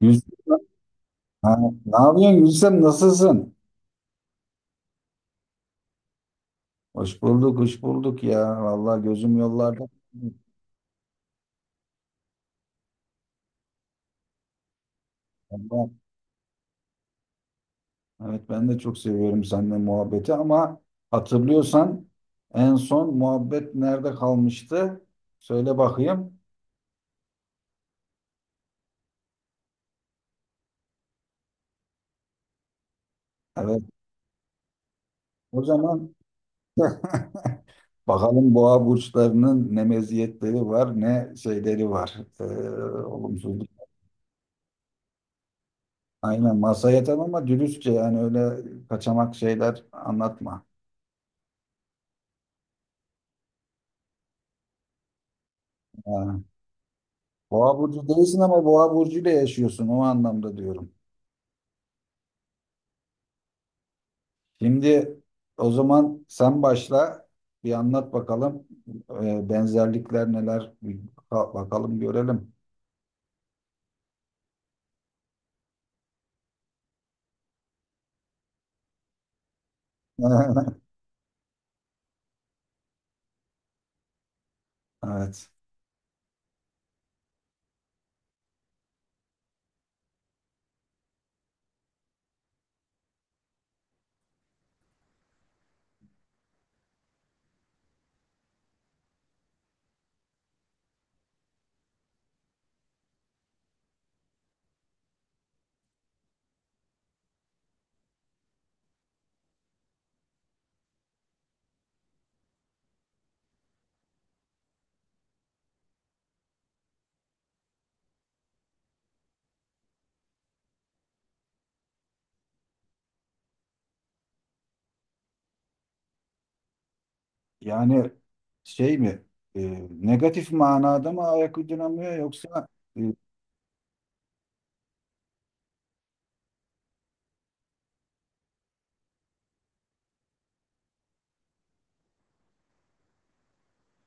Gülsüm, ha, ne yapıyorsun Gülsüm? Nasılsın? Hoş bulduk, hoş bulduk ya. Vallahi gözüm yollarda. Allah, evet ben de çok seviyorum seninle muhabbeti ama hatırlıyorsan en son muhabbet nerede kalmıştı? Söyle bakayım. Evet, o zaman bakalım boğa burçlarının ne meziyetleri var, ne şeyleri var. Ee, Olumsuzluk. Aynen masaya yatan ama dürüstçe yani öyle kaçamak şeyler anlatma. Ha. Boğa burcu değilsin ama boğa burcuyla yaşıyorsun o anlamda diyorum. Şimdi o zaman sen başla bir anlat bakalım. Benzerlikler neler bir bakalım görelim. Evet. Yani şey mi, negatif manada mı ayak uyduramıyor yoksa? e,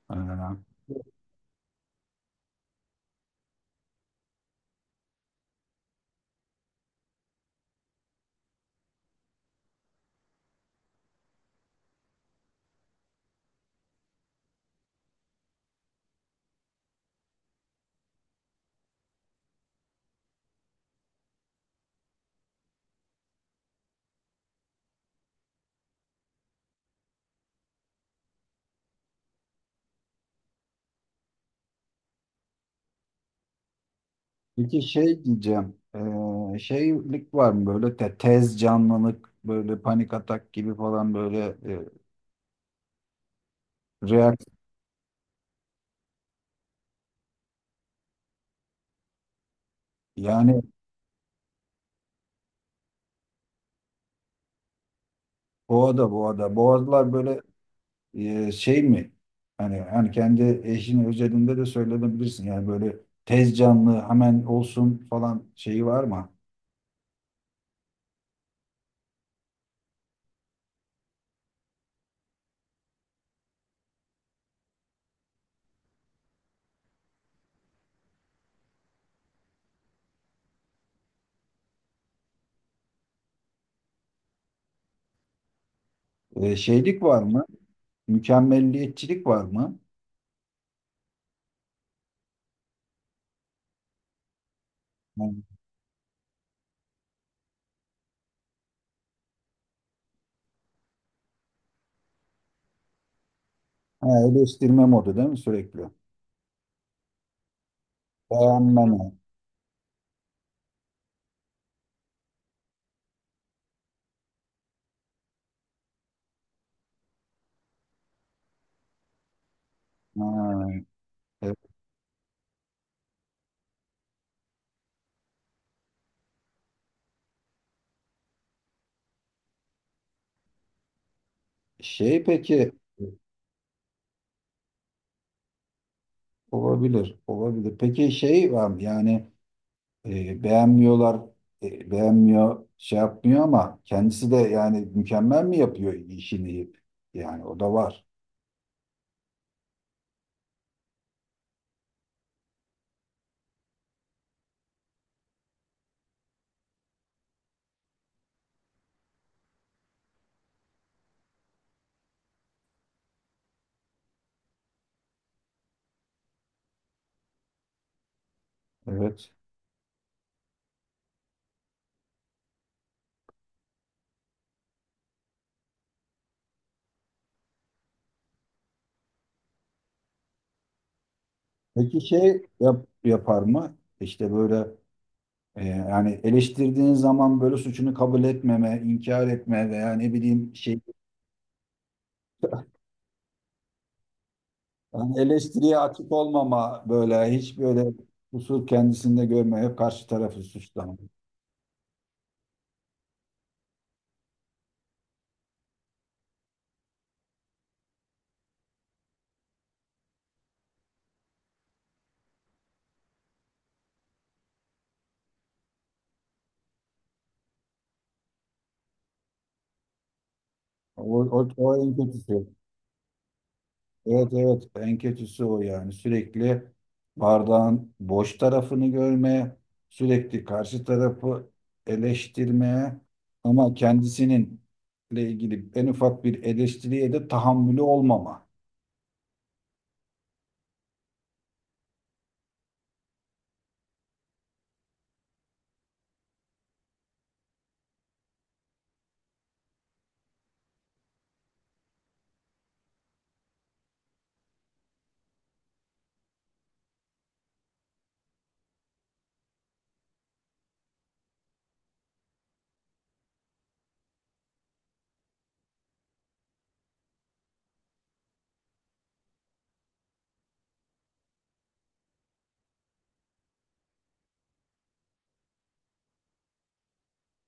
e, peki şey diyeceğim, şeylik var mı böyle tez canlılık böyle panik atak gibi falan böyle reaksiyon yani. Boğa'da Boğa'da. Boğazlar böyle, şey mi? Hani kendi eşinin özelinde de söylenebilirsin. Yani böyle tez canlı hemen olsun falan şeyi var mı? Şeylik var mı? Mükemmelliyetçilik var mı? Yani, ha, eleştirme modu değil mi sürekli? Beğenmeme. Ha, e, şey peki olabilir, olabilir. Peki şey var mı? Yani beğenmiyorlar, beğenmiyor, şey yapmıyor ama kendisi de yani mükemmel mi yapıyor işini? Yani o da var. Evet. Peki yapar mı? İşte böyle, yani eleştirdiğin zaman böyle suçunu kabul etmeme, inkar etme veya ne bileyim şey, yani eleştiriye açık olmama böyle hiç böyle kusur kendisinde görmeye karşı tarafı suçlama. O, O en kötüsü. Evet evet en kötüsü o yani sürekli bardağın boş tarafını görmeye, sürekli karşı tarafı eleştirmeye ama kendisinin ile ilgili en ufak bir eleştiriye de tahammülü olmama.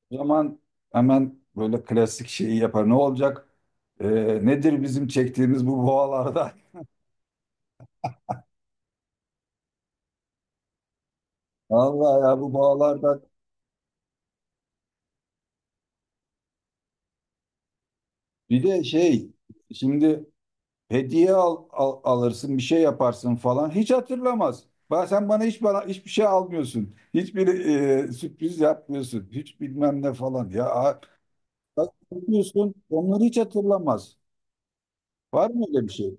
O zaman hemen böyle klasik şeyi yapar. Ne olacak? Ee, Nedir bizim çektiğimiz bu boğalardan? Vallahi ya bu boğalardan. Bir de şey şimdi, hediye alırsın, bir şey yaparsın falan. Hiç hatırlamaz. Sen bana hiçbir şey almıyorsun. Hiçbir, sürpriz yapmıyorsun. Hiç bilmem ne falan. Bak yapıyorsun, onları hiç hatırlamaz. Var mı öyle bir şey?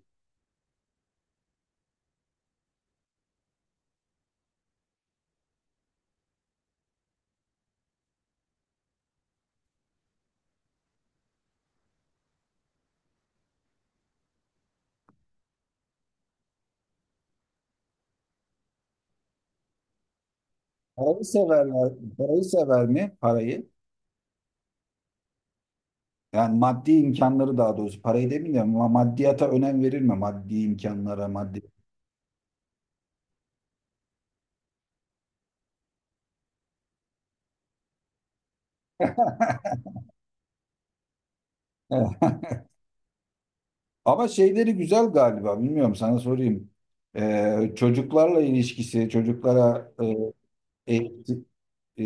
Parayı severler, parayı sever mi? Parayı. Yani maddi imkanları daha doğrusu. Parayı demeyeyim de maddiyata önem verir mi? Maddi imkanlara, maddi. Ama şeyleri güzel galiba. Bilmiyorum sana sorayım. Çocuklarla ilişkisi, çocuklara eğit- e,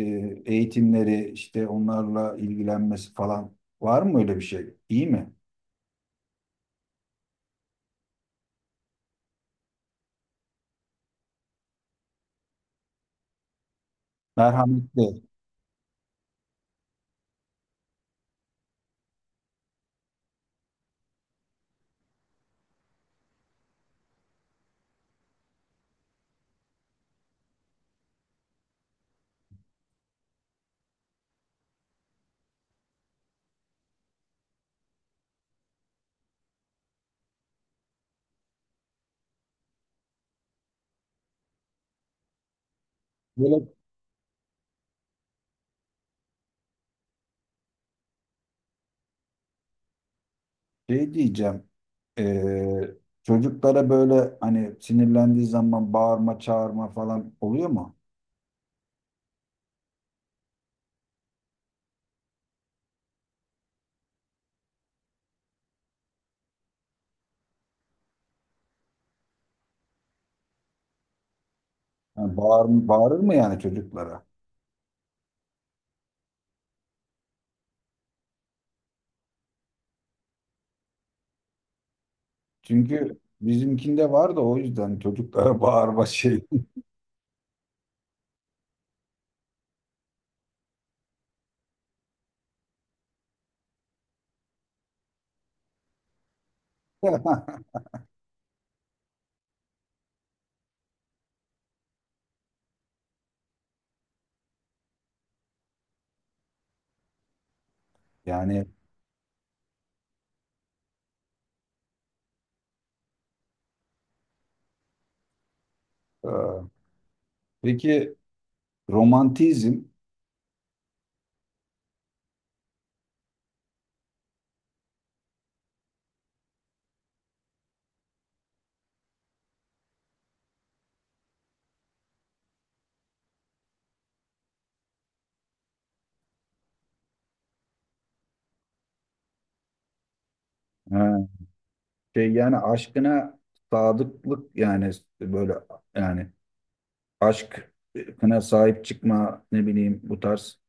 eğitimleri, işte onlarla ilgilenmesi falan var mı öyle bir şey? İyi mi? Merhametli. Böyle şey diyeceğim. Ee, Çocuklara böyle hani sinirlendiği zaman bağırma, çağırma falan oluyor mu? Yani bağırır mı yani çocuklara? Çünkü bizimkinde var da o yüzden çocuklara bağırma şey. Yani, aa, peki romantizm, ha, şey yani aşkına sadıklık yani böyle yani aşkına sahip çıkma ne bileyim bu tarz.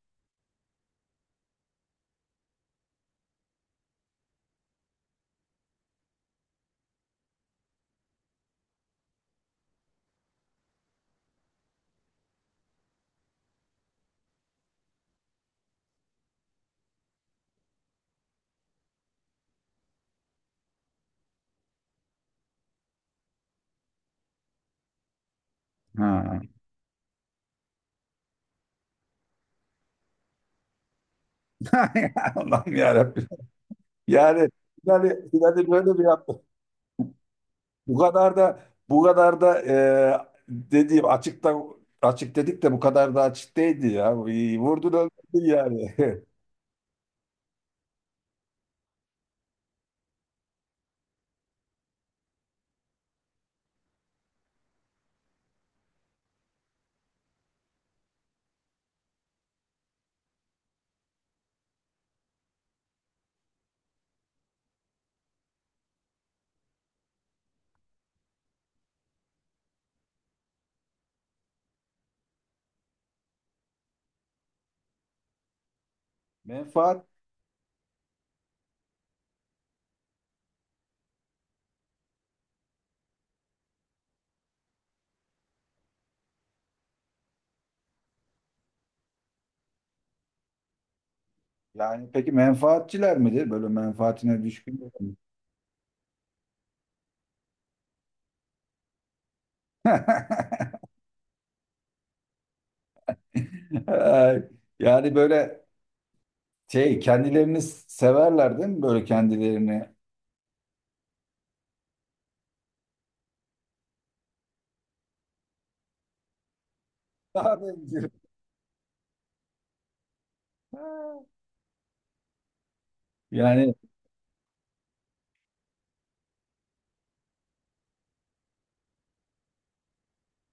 Ha. Allah'ım yarabbim. Yani yani yani böyle bir yaptı. Bu kadar da Bu kadar da, dediğim açıkta, açık dedik de bu kadar da açık değildi ya. Vurdun öldürdün yani. Menfaat, yani peki menfaatçiler midir? Böyle menfaatine düşkün. Ay, yani böyle şey kendilerini severler değil mi böyle kendilerini? Daha bencil. Yani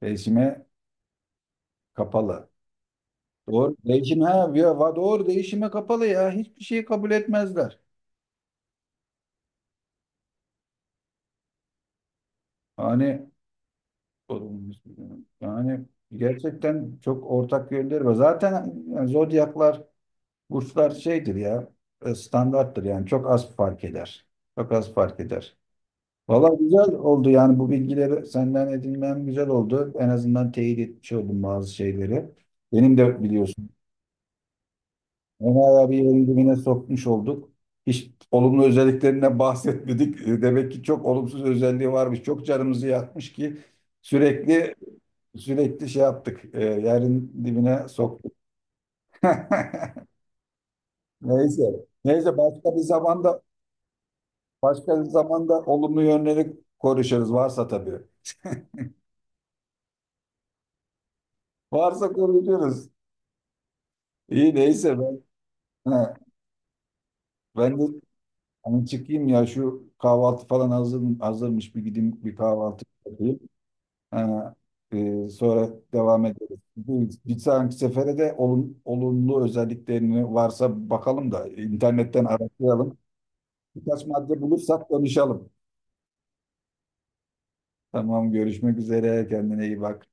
değişime kapalı. Doğru değişim, doğru değişime kapalı ya hiçbir şeyi kabul etmezler. Hani yani gerçekten çok ortak yönleri var. Zaten yani zodyaklar, burçlar şeydir ya, standarttır yani çok az fark eder. Çok az fark eder. Valla güzel oldu yani bu bilgileri senden edinmem güzel oldu. En azından teyit etmiş oldum bazı şeyleri. Benim de biliyorsun. Onayla bir yerin dibine sokmuş olduk. Hiç olumlu özelliklerinden bahsetmedik. Demek ki çok olumsuz özelliği varmış. Çok canımızı yakmış ki sürekli sürekli şey yaptık. Yerin dibine soktuk. Neyse. Neyse başka bir zamanda Başka bir zamanda olumlu yönleri konuşuruz varsa tabii. Varsa konuşuruz. İyi neyse. Ha, ben de hani çıkayım ya şu kahvaltı falan hazırmış, bir gideyim bir kahvaltı yapayım. Ha, sonra devam ederiz. Bu bir sonraki sefere de olumlu özelliklerini varsa bakalım da internetten araştıralım. Birkaç madde bulursak konuşalım. Tamam, görüşmek üzere, kendine iyi bak.